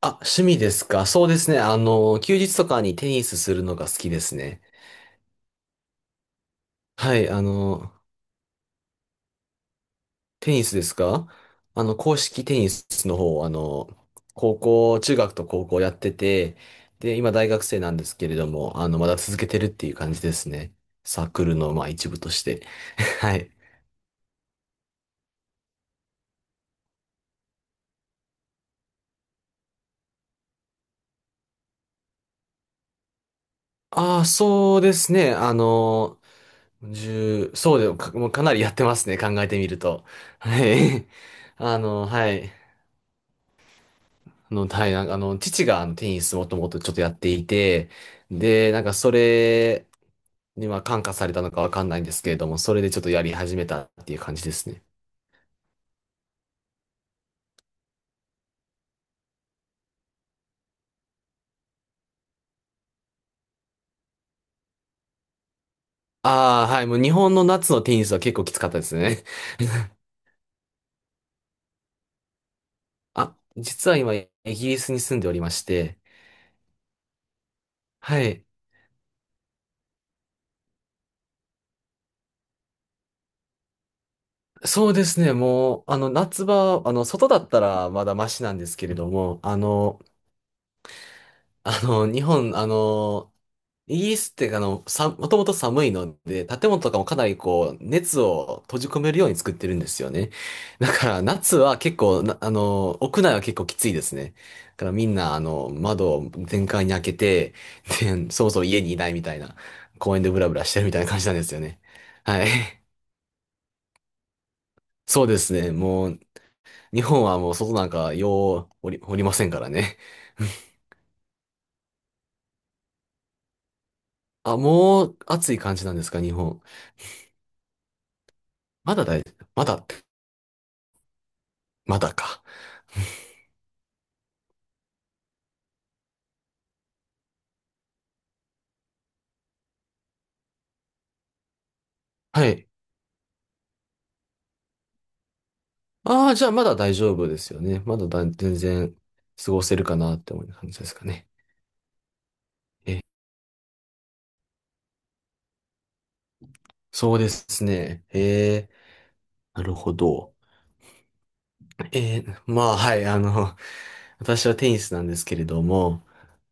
あ、趣味ですか。そうですね。休日とかにテニスするのが好きですね。はい、テニスですか。公式テニスの方、高校、中学と高校やってて、で、今大学生なんですけれども、まだ続けてるっていう感じですね。サークルの、まあ、一部として。はい。ああ、そうですね。十、そうでもか、もうかなりやってますね。考えてみると。はい。はい。はい、なんか父があのテニスもともとちょっとやっていて、で、なんかそれにまあ感化されたのかわかんないんですけれども、それでちょっとやり始めたっていう感じですね。ああ、はい、もう日本の夏のテニスは結構きつかったですね。あ、実は今イギリスに住んでおりまして、はい。そうですね、もう、夏場、外だったらまだマシなんですけれども、あの、あの、日本、あの、イギリスってさ、もともと寒いので、建物とかもかなりこう、熱を閉じ込めるように作ってるんですよね。だから、夏は結構、屋内は結構きついですね。だからみんな、窓を全開に開けて、で、そもそも家にいないみたいな、公園でブラブラしてるみたいな感じなんですよね。はい。そうですね。もう、日本はもう外なんかようおり、おりませんからね。あ、もう暑い感じなんですか、日本。まだ大、まだ、まだか。はい。ああ、じゃあまだ大丈夫ですよね。まだだ全然過ごせるかなって思う感じですかね。え、そうですね。えー、なるほど。えー、まあ、はい、あの、私はテニスなんですけれども、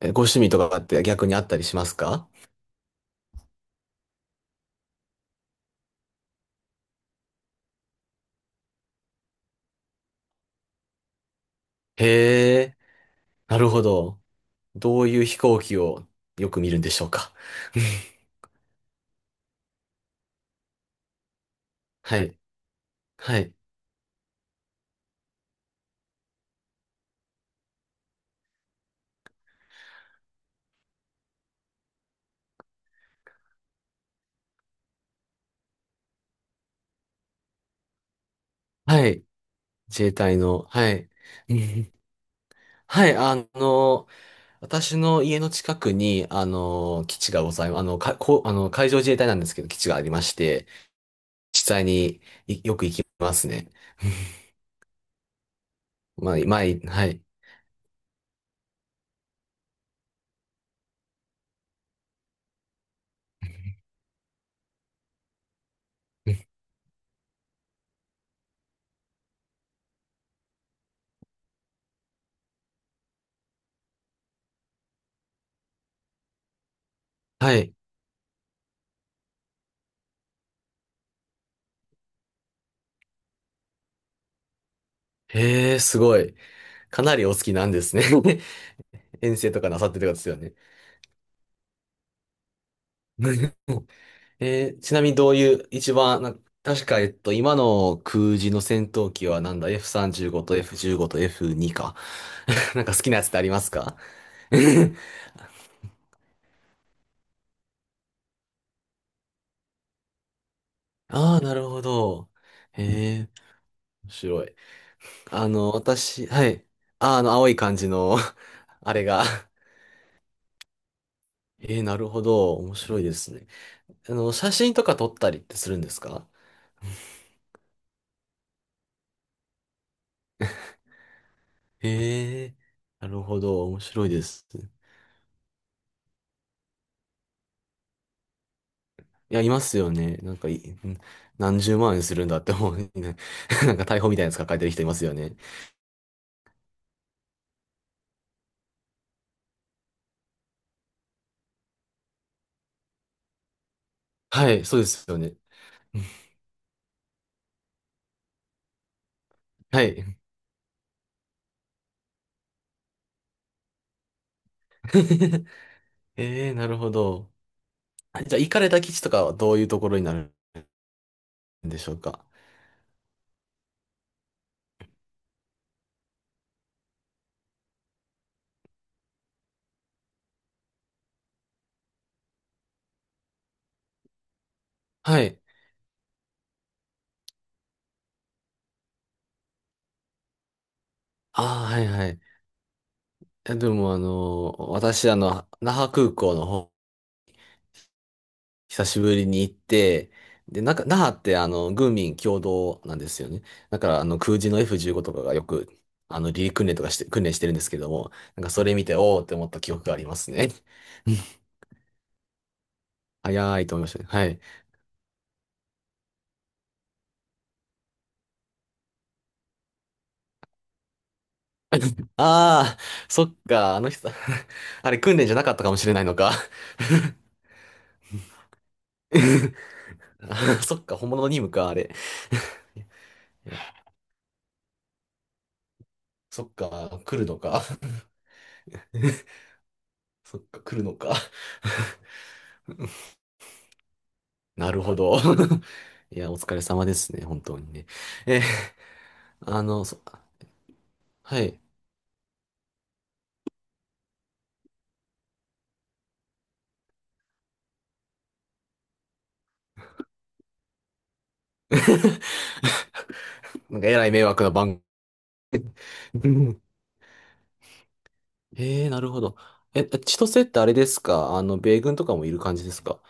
え、ご趣味とかって逆にあったりしますか？へえ、なるほど。どういう飛行機をよく見るんでしょうか。はい、はい、はい。自衛隊の、はい。うん、はい、私の家の近くに、基地がございます。あの、か、こう、あの、海上自衛隊なんですけど、基地がありまして、実際によく行きますね。まあ、前、はい。はい。へえ、すごい。かなりお好きなんですね。遠征とかなさってる方ですよね。えー、ちなみにどういう、一番、確か、今の空自の戦闘機はなんだ、F35 と F15 と F2 か。なんか好きなやつってありますか？ ああー、なるほど。へえ、白い。私、はい。あ、青い感じの あれが、えー、なるほど。面白いですね。写真とか撮ったりってするんですか？ええー、なるほど。面白いです。いや、いますよね。なんかい、ん何十万円するんだって思うね。なんか逮捕みたいなやつ抱えてる人いますよね。はい、そうですよね。はい。ええー、なるほど。あ、じゃあ、行かれた基地とかはどういうところになるんでしょうか？はい。ああ、はいはい。いやでも私那覇空港の方、久しぶりに行って、で、なんか那覇って軍民共同なんですよね。だから空自の F15 とかがよく、離陸訓練とかして、訓練してるんですけども、なんかそれ見て、おーって思った記憶がありますね。早いと思いましたね。はい。ああ、そっか、あの人、あれ訓練じゃなかったかもしれないのか。そっか、本物の任務か、あれ。いや、そっか、来るのか。そっか、来るのか。なるほど。いや、お疲れ様ですね、本当にね。えー、あの、そ、はい。なんか、えらい迷惑な番組。えー、なるほど。え、千歳ってあれですか、米軍とかもいる感じですか？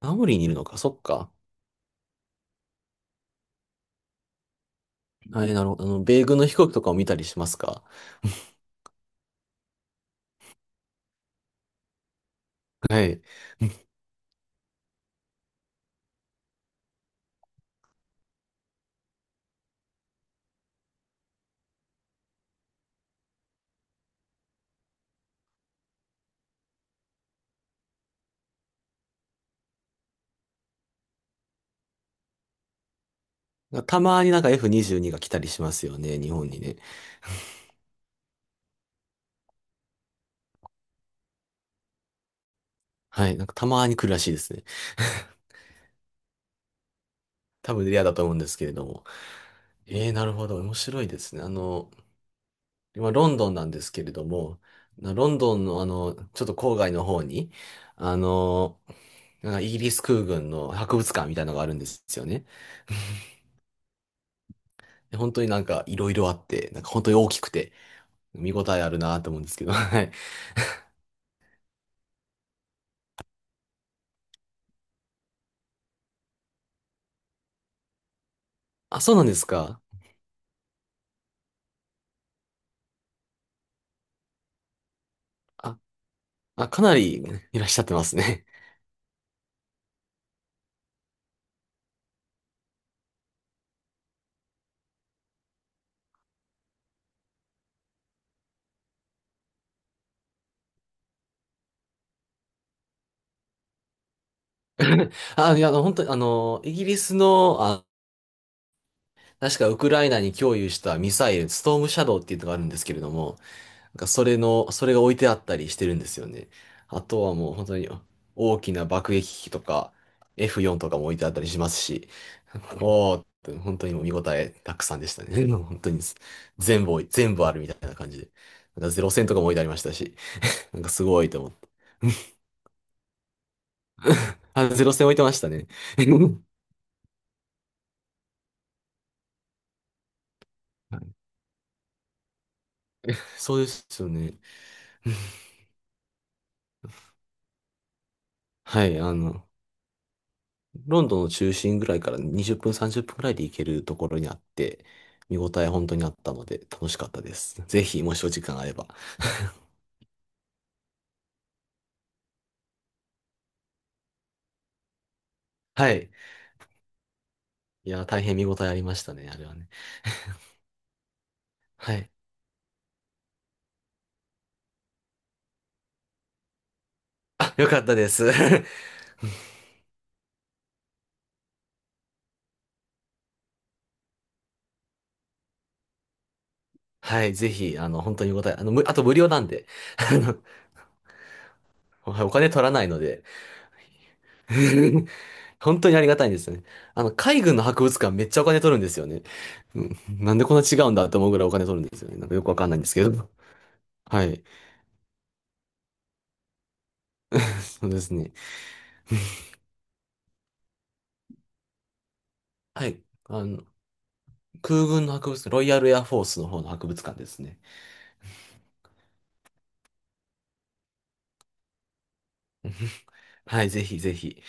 青森にいるのか、そっか。はい、なるほど。米軍の飛行機とかを見たりしますか？はい。たまになんか F22 が来たりしますよね、日本にね。はい、なんかたまに来るらしいですね。多分レアだと思うんですけれども。ええ、なるほど。面白いですね。今、ロンドンなんですけれども、ロンドンの、ちょっと郊外の方に、あの、なんかイギリス空軍の博物館みたいなのがあるんですよね。で、本当になんかいろいろあって、なんか本当に大きくて、見応えあるなと思うんですけど、はい。あ、そうなんですか。あ、あ、かなりいらっしゃってますね。あ、いや、本当に、イギリスの、あ、確かウクライナに供与したミサイル、ストームシャドーっていうのがあるんですけれども、なんかそれが置いてあったりしてるんですよね。あとはもう本当に大きな爆撃機とか F4 とかも置いてあったりしますし、おーって本当にもう見応えたくさんでしたね。本当に全部全部あるみたいな感じで。なんかゼロ戦とかも置いてありましたし、なんかすごいと思って。あ、ゼロ戦置いてましたね。はい、そうですよね。はい、ロンドンの中心ぐらいから20分、30分ぐらいで行けるところにあって、見応え本当にあったので楽しかったです。ぜひ、もしお時間あれば。はい。いや、大変見応えありましたね、あれはね。はい。あ、よかったです。はい、ぜひ、本当に見応え、あと無料なんで、あの、はい、お金取らないので、本当にありがたいんですよね。海軍の博物館めっちゃお金取るんですよね。うん、なんでこんな違うんだって思うぐらいお金取るんですよね。なんかよくわかんないんですけど。はい。そうですね。はい。あの、空軍の博物館、ロイヤルエアフォースの方の博物館ですね。はい、ぜひぜひ。